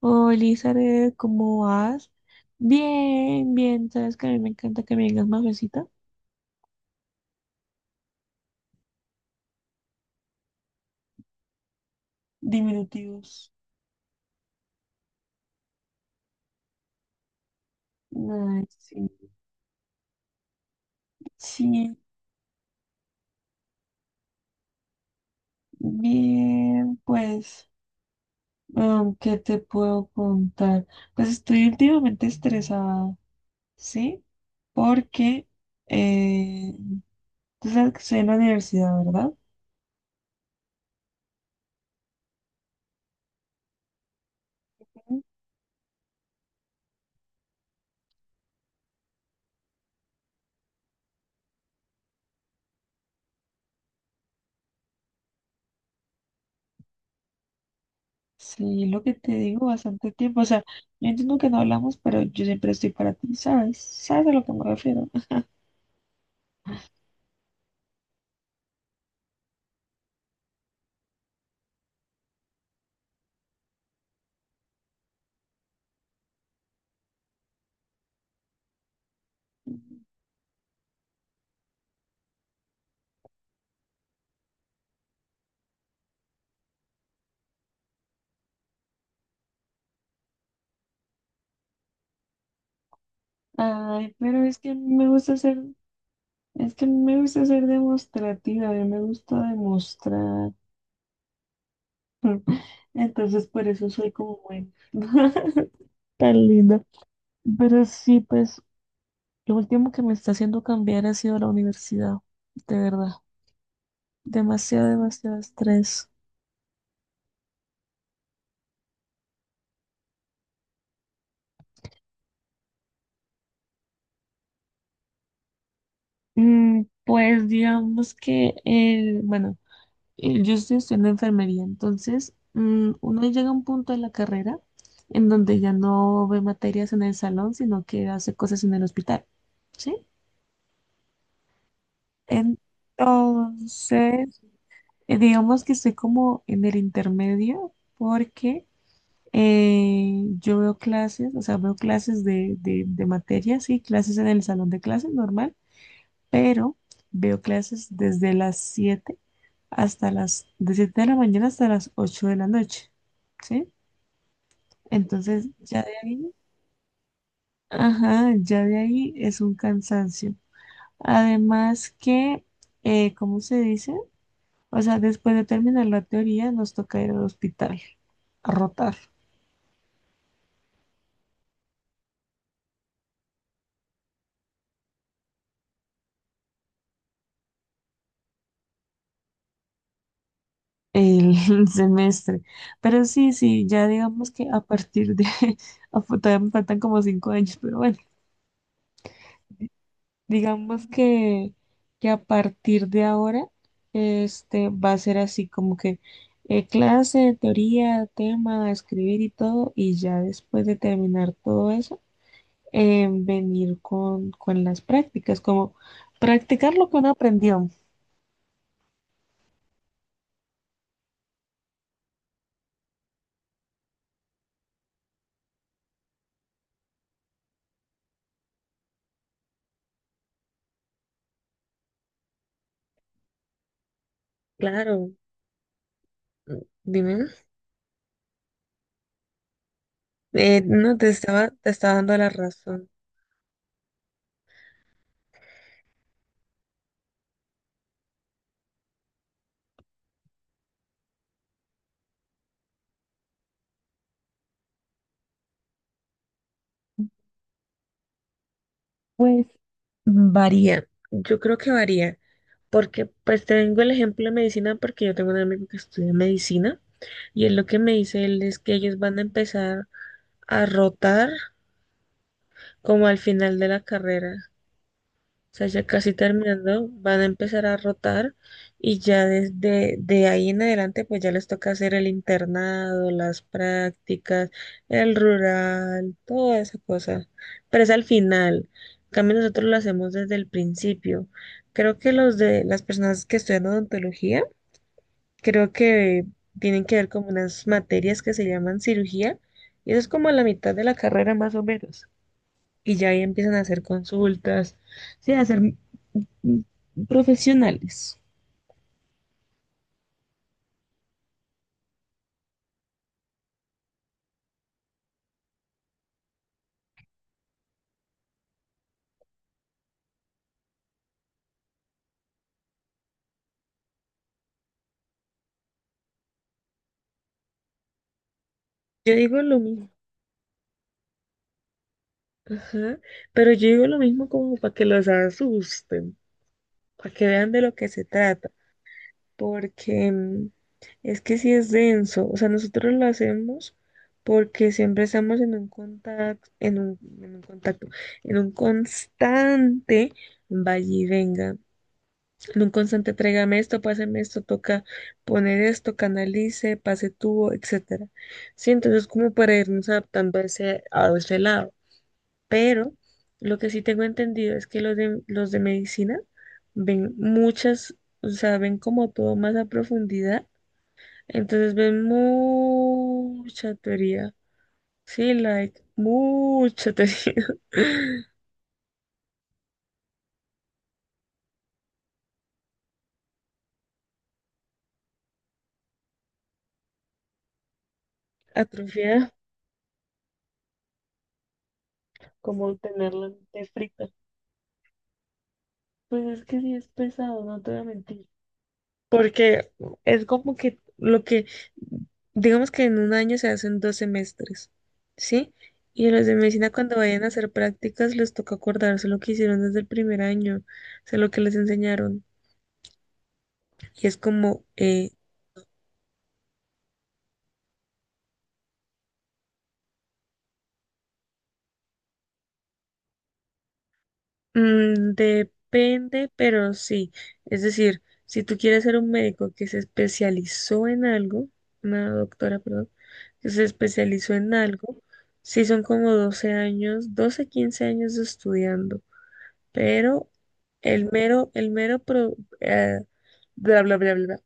Hola, Elizabeth, ¿cómo vas? Bien, bien, sabes que a mí me encanta que me digas mafecita. Diminutivos. Ay, sí. Sí, bien, pues, ¿qué te puedo contar? Pues estoy últimamente estresada, ¿sí? Porque eh, tú sabes que estoy en la universidad, ¿verdad? Ujú. Sí, lo que te digo bastante tiempo. O sea, yo entiendo que no hablamos, pero yo siempre estoy para ti, ¿sabes? ¿Sabes a lo que me refiero? Ay, pero es que me gusta ser demostrativa, a mí me gusta demostrar. Entonces, por eso soy como buena. Tan linda. Pero sí, pues, lo último que me está haciendo cambiar ha sido la universidad, de verdad. Demasiado, demasiado estrés. Mm, pues digamos que bueno. Yo estoy estudiando enfermería, entonces uno llega a un punto de la carrera en donde ya no ve materias en el salón, sino que hace cosas en el hospital, ¿sí? Entonces, digamos que estoy como en el intermedio porque yo veo clases, o sea, veo clases de materias, sí, clases en el salón de clases normal, pero veo clases desde las 7 hasta las, de 7 de la mañana hasta las 8 de la noche, ¿sí? Entonces, ya de ahí, ajá, ya de ahí es un cansancio. Además que, ¿cómo se dice? O sea, después de terminar la teoría, nos toca ir al hospital a rotar el semestre. Pero sí, sí, ya digamos que todavía me faltan como 5 años, pero bueno. Digamos que a partir de ahora va a ser así como que clase, teoría, tema, escribir y todo, y ya después de terminar todo eso, venir con las prácticas, como practicar lo que uno aprendió. Claro, mm, dime. No, te estaba dando la razón. Pues varía, yo creo que varía, porque pues te vengo el ejemplo de medicina porque yo tengo un amigo que estudia medicina. Y es lo que me dice él, es que ellos van a empezar a rotar como al final de la carrera. O sea, ya casi terminando, van a empezar a rotar y ya desde de ahí en adelante, pues ya les toca hacer el internado, las prácticas, el rural, toda esa cosa. Pero es al final. En cambio, nosotros lo hacemos desde el principio. Creo que los de las personas que estudian odontología creo que tienen que ver como unas materias que se llaman cirugía, y eso es como a la mitad de la carrera más o menos. Y ya ahí empiezan a hacer consultas, sí, a ser mm, profesionales. Yo digo lo mismo, ajá, pero yo digo lo mismo como para que los asusten, para que vean de lo que se trata. Porque es que sí es denso, o sea, nosotros lo hacemos porque siempre estamos en un contacto, en un contacto, en un constante vaya y venga, en un constante tráigame esto, páseme esto, toca poner esto, canalice, pase tubo, etcétera. Sí, entonces como para irnos adaptando a ese lado, pero lo que sí tengo entendido es que los de medicina ven muchas, o sea, ven como todo más a profundidad, entonces ven mucha teoría. Sí, like, mucha teoría. Atrofiada, como tenerla de frita. Pues es que sí es pesado, no te voy a mentir. Porque es como que digamos que en un año se hacen 2 semestres, ¿sí? Y los de medicina cuando vayan a hacer prácticas les toca acordarse lo que hicieron desde el primer año, o sea, lo que les enseñaron. Y es como, mm, depende, pero sí. Es decir, si tú quieres ser un médico que se especializó en algo, una doctora, perdón, que se especializó en algo, sí son como 12 años, 12-15 años estudiando, pero el mero, el mero, pro- eh, bla, bla, bla, bla, bla,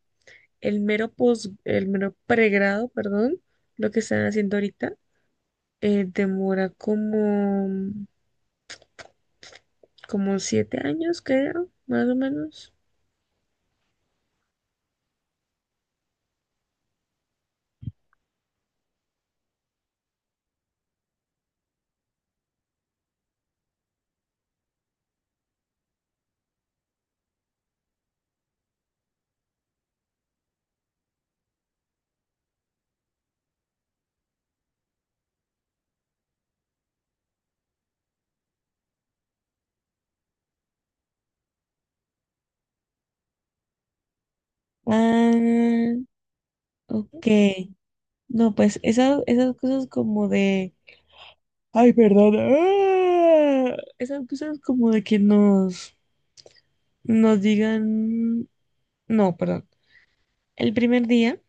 el mero pregrado, perdón, lo que están haciendo ahorita, demora como, como 7 años, creo, más o menos. Ah, ok. No, pues esas cosas como de... Ay, perdón. Esas cosas como de que nos digan... No, perdón. El primer día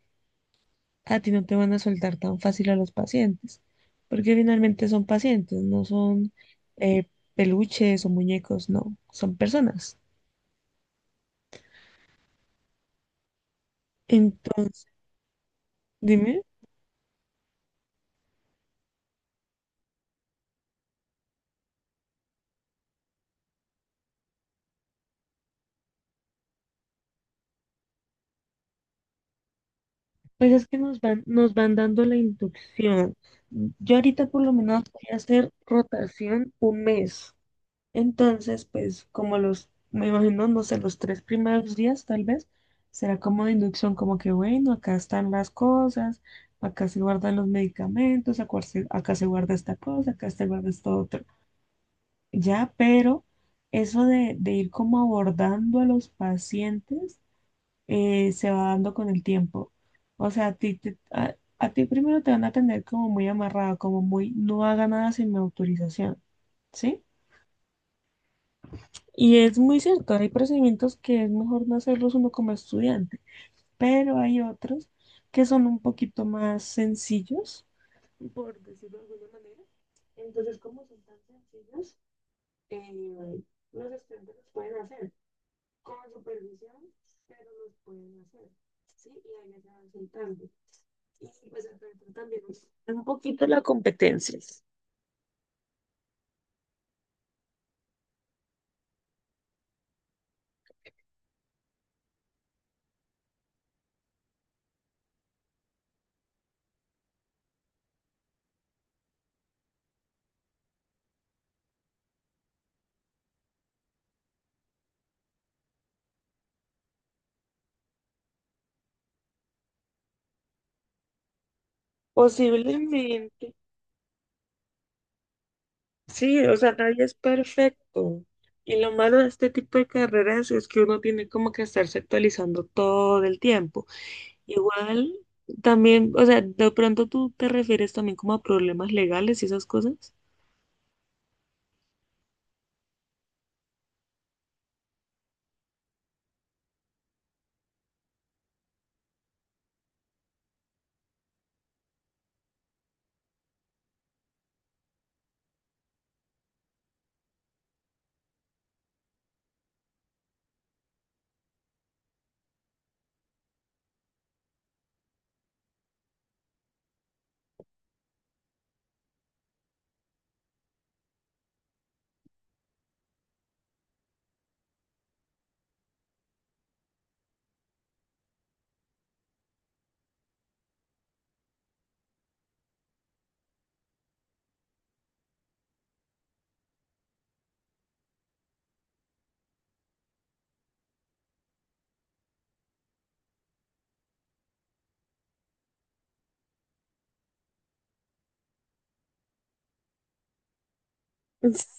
a ti no te van a soltar tan fácil a los pacientes, porque finalmente son pacientes, no son eh, peluches o muñecos, no, son personas. Entonces, dime. Pues es que nos van dando la inducción. Yo ahorita por lo menos voy a hacer rotación un mes. Entonces, pues como los, me imagino, no sé, los 3 primeros días tal vez, será como de inducción, como que bueno, acá están las cosas, acá se guardan los medicamentos, acá se guarda esta cosa, acá se guarda esto otro. Ya, pero eso de ir como abordando a los pacientes se va dando con el tiempo. O sea, a ti primero te van a tener como muy amarrado, como muy, no haga nada sin mi autorización, ¿sí? Y es muy cierto, hay procedimientos que es mejor no hacerlos uno como estudiante, pero hay otros que son un poquito más sencillos, por decirlo de alguna manera. Entonces, como son tan sencillos, eh, los estudiantes los pueden hacer con supervisión, pero los pueden hacer, ¿sí? Y ahí les van soltando. Y pues entonces también un poquito la competencia. Posiblemente, sí, o sea, nadie es perfecto. Y lo malo de este tipo de carreras es que uno tiene como que estarse actualizando todo el tiempo. Igual, también, o sea, de pronto tú te refieres también como a problemas legales y esas cosas.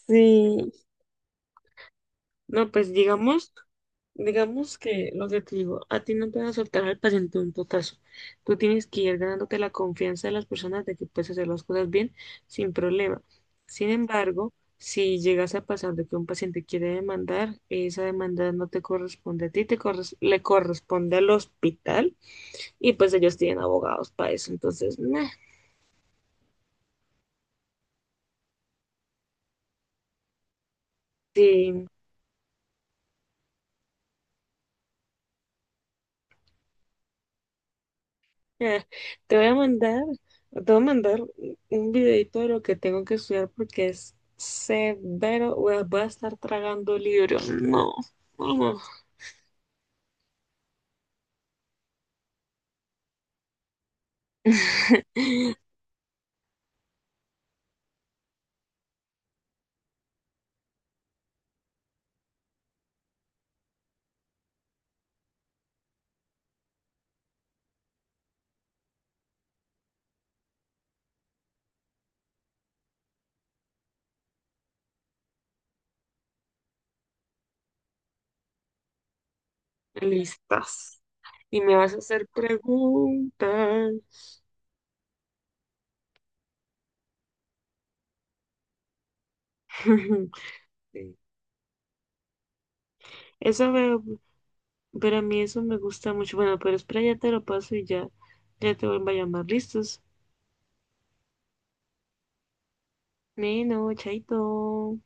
Sí, no, pues digamos que lo que te digo, a ti no te van a soltar al paciente un totazo. Tú tienes que ir ganándote la confianza de las personas de que puedes hacer las cosas bien sin problema. Sin embargo, si llegas a pasar de que un paciente quiere demandar, esa demanda no te corresponde a ti, le corresponde al hospital y pues ellos tienen abogados para eso. Entonces, nah. Ah, te voy a mandar, te voy a mandar un videito de lo que tengo que estudiar porque es severo. Voy a estar tragando libros. No, no, no. Listas. Y me vas a hacer preguntas. Sí. Eso veo, pero a mí eso me gusta mucho. Bueno, pero espera, ya te lo paso y ya, ya te vuelvo a llamar. ¿Listos? Bueno, chaito.